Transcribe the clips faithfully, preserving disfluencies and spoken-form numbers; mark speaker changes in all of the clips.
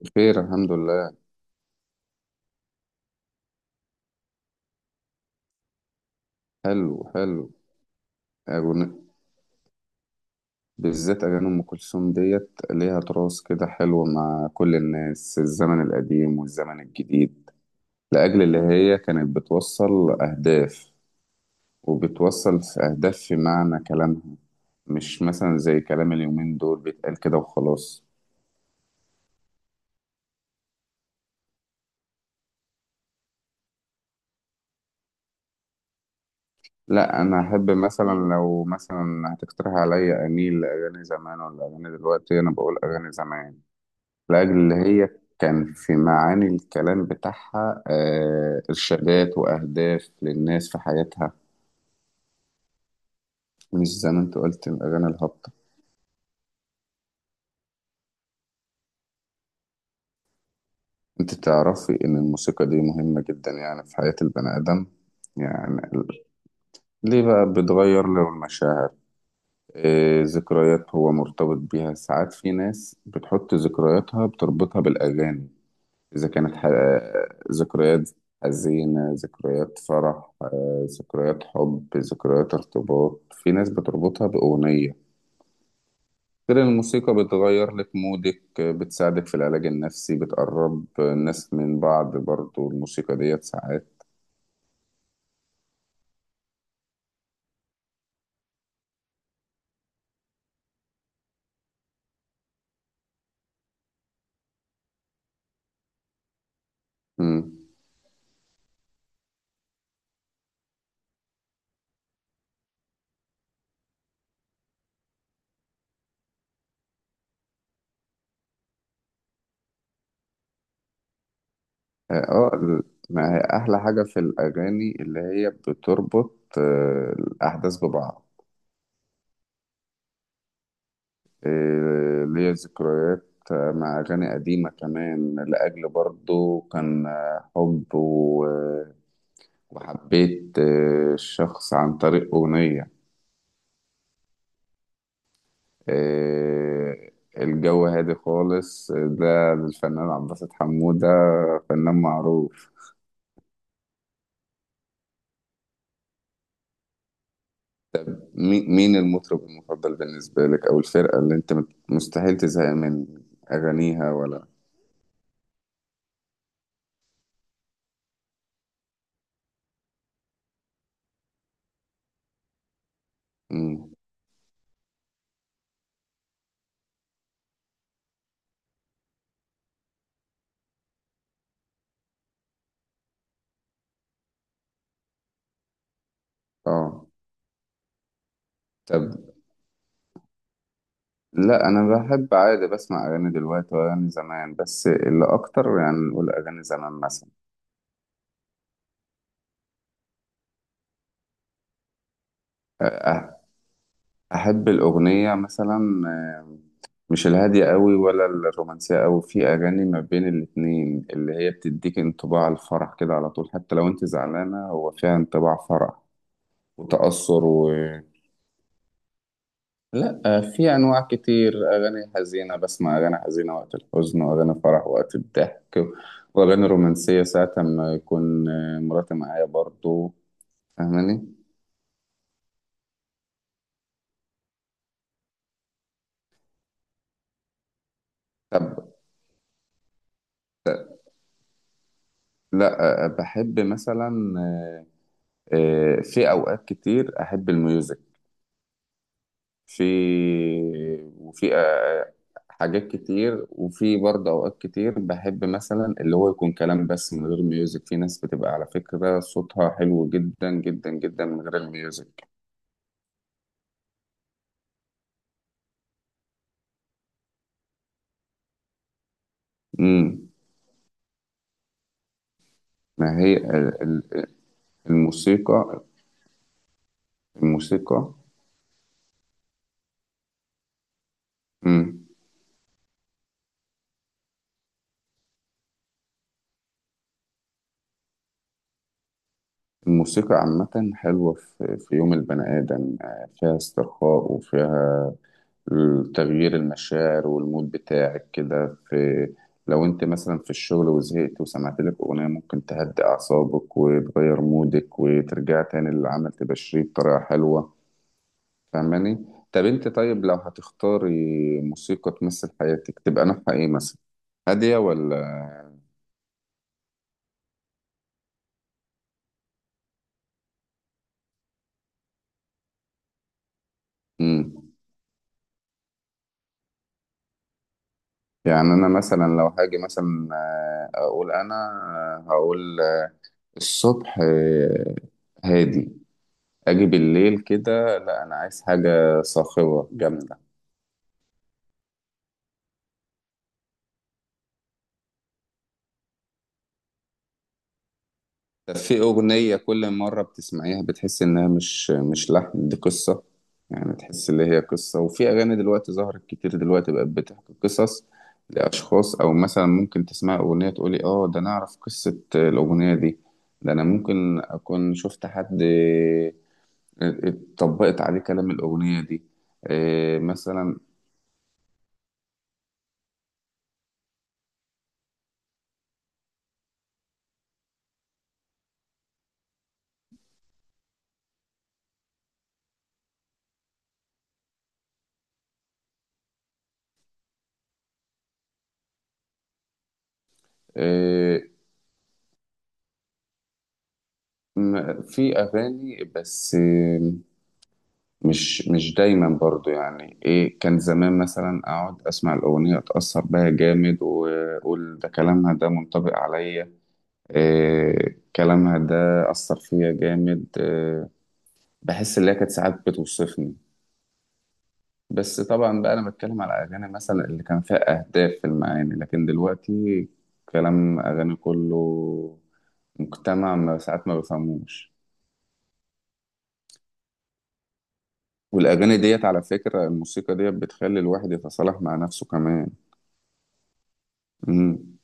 Speaker 1: بخير، الحمد لله. حلو حلو. أغنى. بالذات أغاني أم كلثوم ديت ليها تراث كده حلو، مع كل الناس، الزمن القديم والزمن الجديد. لأجل اللي هي كانت بتوصل أهداف، وبتوصل في أهداف في معنى كلامها. مش مثلا زي كلام اليومين دول، بيتقال كده وخلاص. لا، أنا أحب مثلا، لو مثلا هتقترح عليا أميل لأغاني زمان ولا أغاني دلوقتي، أنا بقول أغاني زمان. الأجل اللي هي كان في معاني الكلام بتاعها، آه، إرشادات وأهداف للناس في حياتها. مش زي ما أنت قلت الأغاني الهابطة. أنت تعرفي إن الموسيقى دي مهمة جدا يعني في حياة البني آدم. يعني ال- ليه بقى، بتغير له المشاعر. آه، ذكريات هو مرتبط بيها ساعات، في ناس بتحط ذكرياتها بتربطها بالأغاني. إذا كانت ح- ذكريات حزينة، ذكريات فرح، آه، ذكريات حب، ذكريات ارتباط، في ناس بتربطها بأغنية. غير إن الموسيقى بتغير لك مودك، آه، بتساعدك في العلاج النفسي، بتقرب آه، الناس من بعض، برضو الموسيقى ديت ساعات. مم. اه آه، ال- ما هي أحلى حاجة في الأغاني اللي هي بتربط آه، الأحداث ببعض. إيه، ليا ذكريات مع أغاني قديمة كمان، لأجل برضو كان حب و- وحبيت آه، الشخص عن طريق أغنية. إيه، الجو هادي خالص ده للفنان عبد الباسط حمودة، فنان معروف. مي- مين المطرب المفضل بالنسبة لك، أو الفرقة اللي أنت مستحيل تزهق من أغانيها، ولا؟ مم. اه، طب، لا انا بحب عادي، بسمع اغاني دلوقتي واغاني زمان، بس اللي اكتر يعني نقول اغاني زمان مثلا. أه- احب الاغنيه مثلا، آه، مش الهاديه قوي ولا الرومانسيه قوي، في اغاني ما بين الاتنين، اللي هي بتديك انطباع الفرح كده على طول، حتى لو انت زعلانه هو فيها انطباع فرح وتاثر. لا، آه، في انواع كتير، اغاني حزينه بسمع اغاني حزينه وقت الحزن، واغاني فرح وقت الضحك، واغاني رومانسيه ساعه ما يكون آه، مراتي معايا برضو، فاهماني؟ طب، لا، آه، آه، بحب مثلا، آه، آه، في اوقات كتير احب الميوزك. في وفي آه، حاجات كتير، وفي برضه اوقات كتير بحب مثلا اللي هو يكون كلام بس من غير ميوزك، في ناس بتبقى على فكره صوتها حلو جدا جدا جدا من غير الميوزك. امم. ما هي ال- ال- الموسيقى الموسيقى امم الموسيقى. عامة حلوة، في في يوم البني آدم، آه، فيها استرخاء، وفيها تغيير المشاعر والمود بتاعك كده في. لو انت مثلا في الشغل وزهقت وسمعت لك أغنية، ممكن تهدي أعصابك وتغير مودك وترجع تاني للعمل تبشريه بطريقة حلوة. فاهماني؟ طب انت طيب، لو هتختاري موسيقى تمثل حياتك تبقى نوعها ايه مثلا؟ هادية ولا؟ امم، يعني انا مثلا لو هاجي مثلا، آه، اقول انا، آه، هقول آه، الصبح آه، هادي، اجي بالليل كده لا انا عايز حاجه صاخبه جامده. طب، في اغنيه كل مره بتسمعيها بتحس انها مش مش لحن، دي قصه. يعني تحس اللي هي قصه، وفي اغاني دلوقتي ظهرت كتير، دلوقتي بقت بتحكي قصص لاشخاص، او مثلا ممكن تسمع اغنيه تقولي اه، ده انا اعرف قصه آه، الاغنيه دي، ده انا ممكن اكون شفت حد اتطبقت عليه كلام الأغنية دي، آه، مثلا. آه، م- في أغاني بس، آه، مش مش دايما برضو. يعني إيه كان زمان مثلا، أقعد أسمع الأغنية أتأثر بها جامد، وأقول ده كلامها ده منطبق عليا، آه، كلامها ده أثر فيا جامد. آه، بحس إن هي كانت ساعات بتوصفني. بس طبعا بقى انا بتكلم على اغاني مثلا اللي كان فيها اهداف في المعاني، لكن دلوقتي كلام اغاني كله، مجتمع ما ساعات ما بفهموش. والاغاني ديت، على فكرة الموسيقى ديت بتخلي الواحد يتصالح مع نفسه كمان. امم.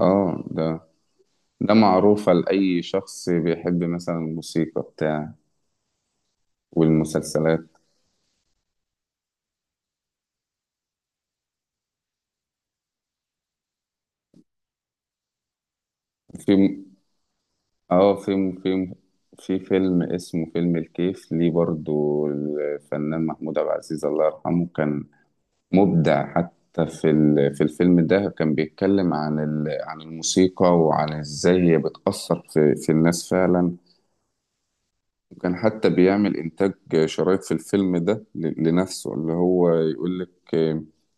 Speaker 1: اه، ده ده معروفة لأي شخص بيحب مثلا الموسيقى بتاع والمسلسلات. في م- اه في في في فيلم اسمه فيلم الكيف ليه، برضو الفنان محمود عبد العزيز الله يرحمه كان مبدع. حتى في ال- في الفيلم ده كان بيتكلم عن ال- عن الموسيقى، وعن ازاي هي بتأثر في في الناس فعلا. وكان حتى بيعمل إنتاج شرايط في الفيلم ده ل- لنفسه، اللي هو يقول لك.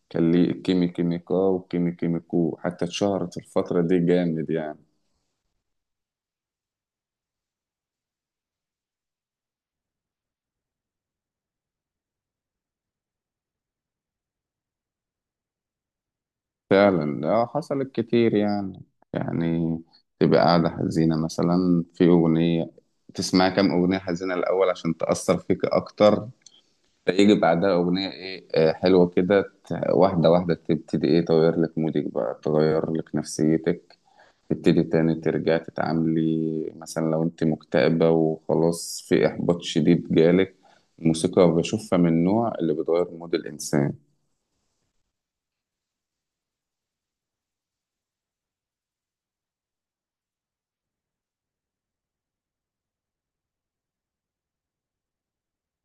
Speaker 1: كان ليه كيمي كيميكا وكيمي كيميكو، حتى اتشهرت في الفترة دي جامد يعني. فعلا، اه حصلت كتير يعني يعني تبقى قاعدة حزينة مثلا في أغنية، تسمع كام أغنية حزينة الأول عشان تأثر فيك أكتر. فيجي بعدها أغنية إيه آه، حلوة كده، ت- واحدة واحدة تبتدي إيه تغير لك مودك بقى، تغير لك نفسيتك. تبتدي تاني ترجع تتعاملي مثلا، لو أنت مكتئبة وخلاص في إحباط شديد جالك. الموسيقى بشوفها من النوع اللي بتغير مود الإنسان.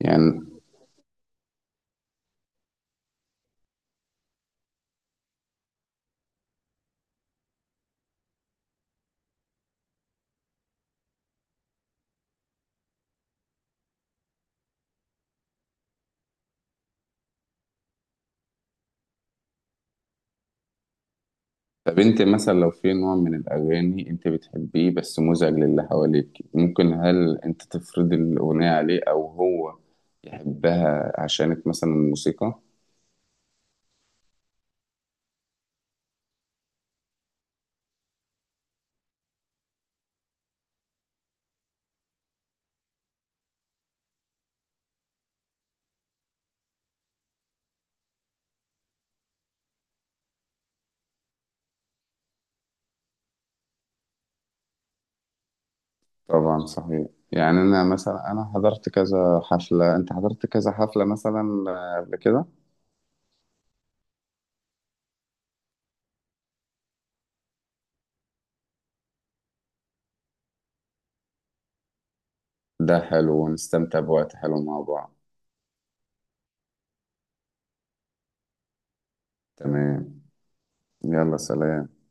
Speaker 1: يعني، طب أنت مثلا لو في نوع من الأغاني أنت بتحبيه بس مزعج للي حواليك، ممكن هل أنت تفرضي الأغنية عليه، أو هو يحبها عشانك مثلا، الموسيقى؟ طبعا صحيح، يعني انا مثلا، انا حضرت كذا حفلة، انت حضرت كذا حفلة مثلا، آه، قبل كده. ده حلو، ونستمتع بوقت حلو مع بعض. تمام. يلا، سلام.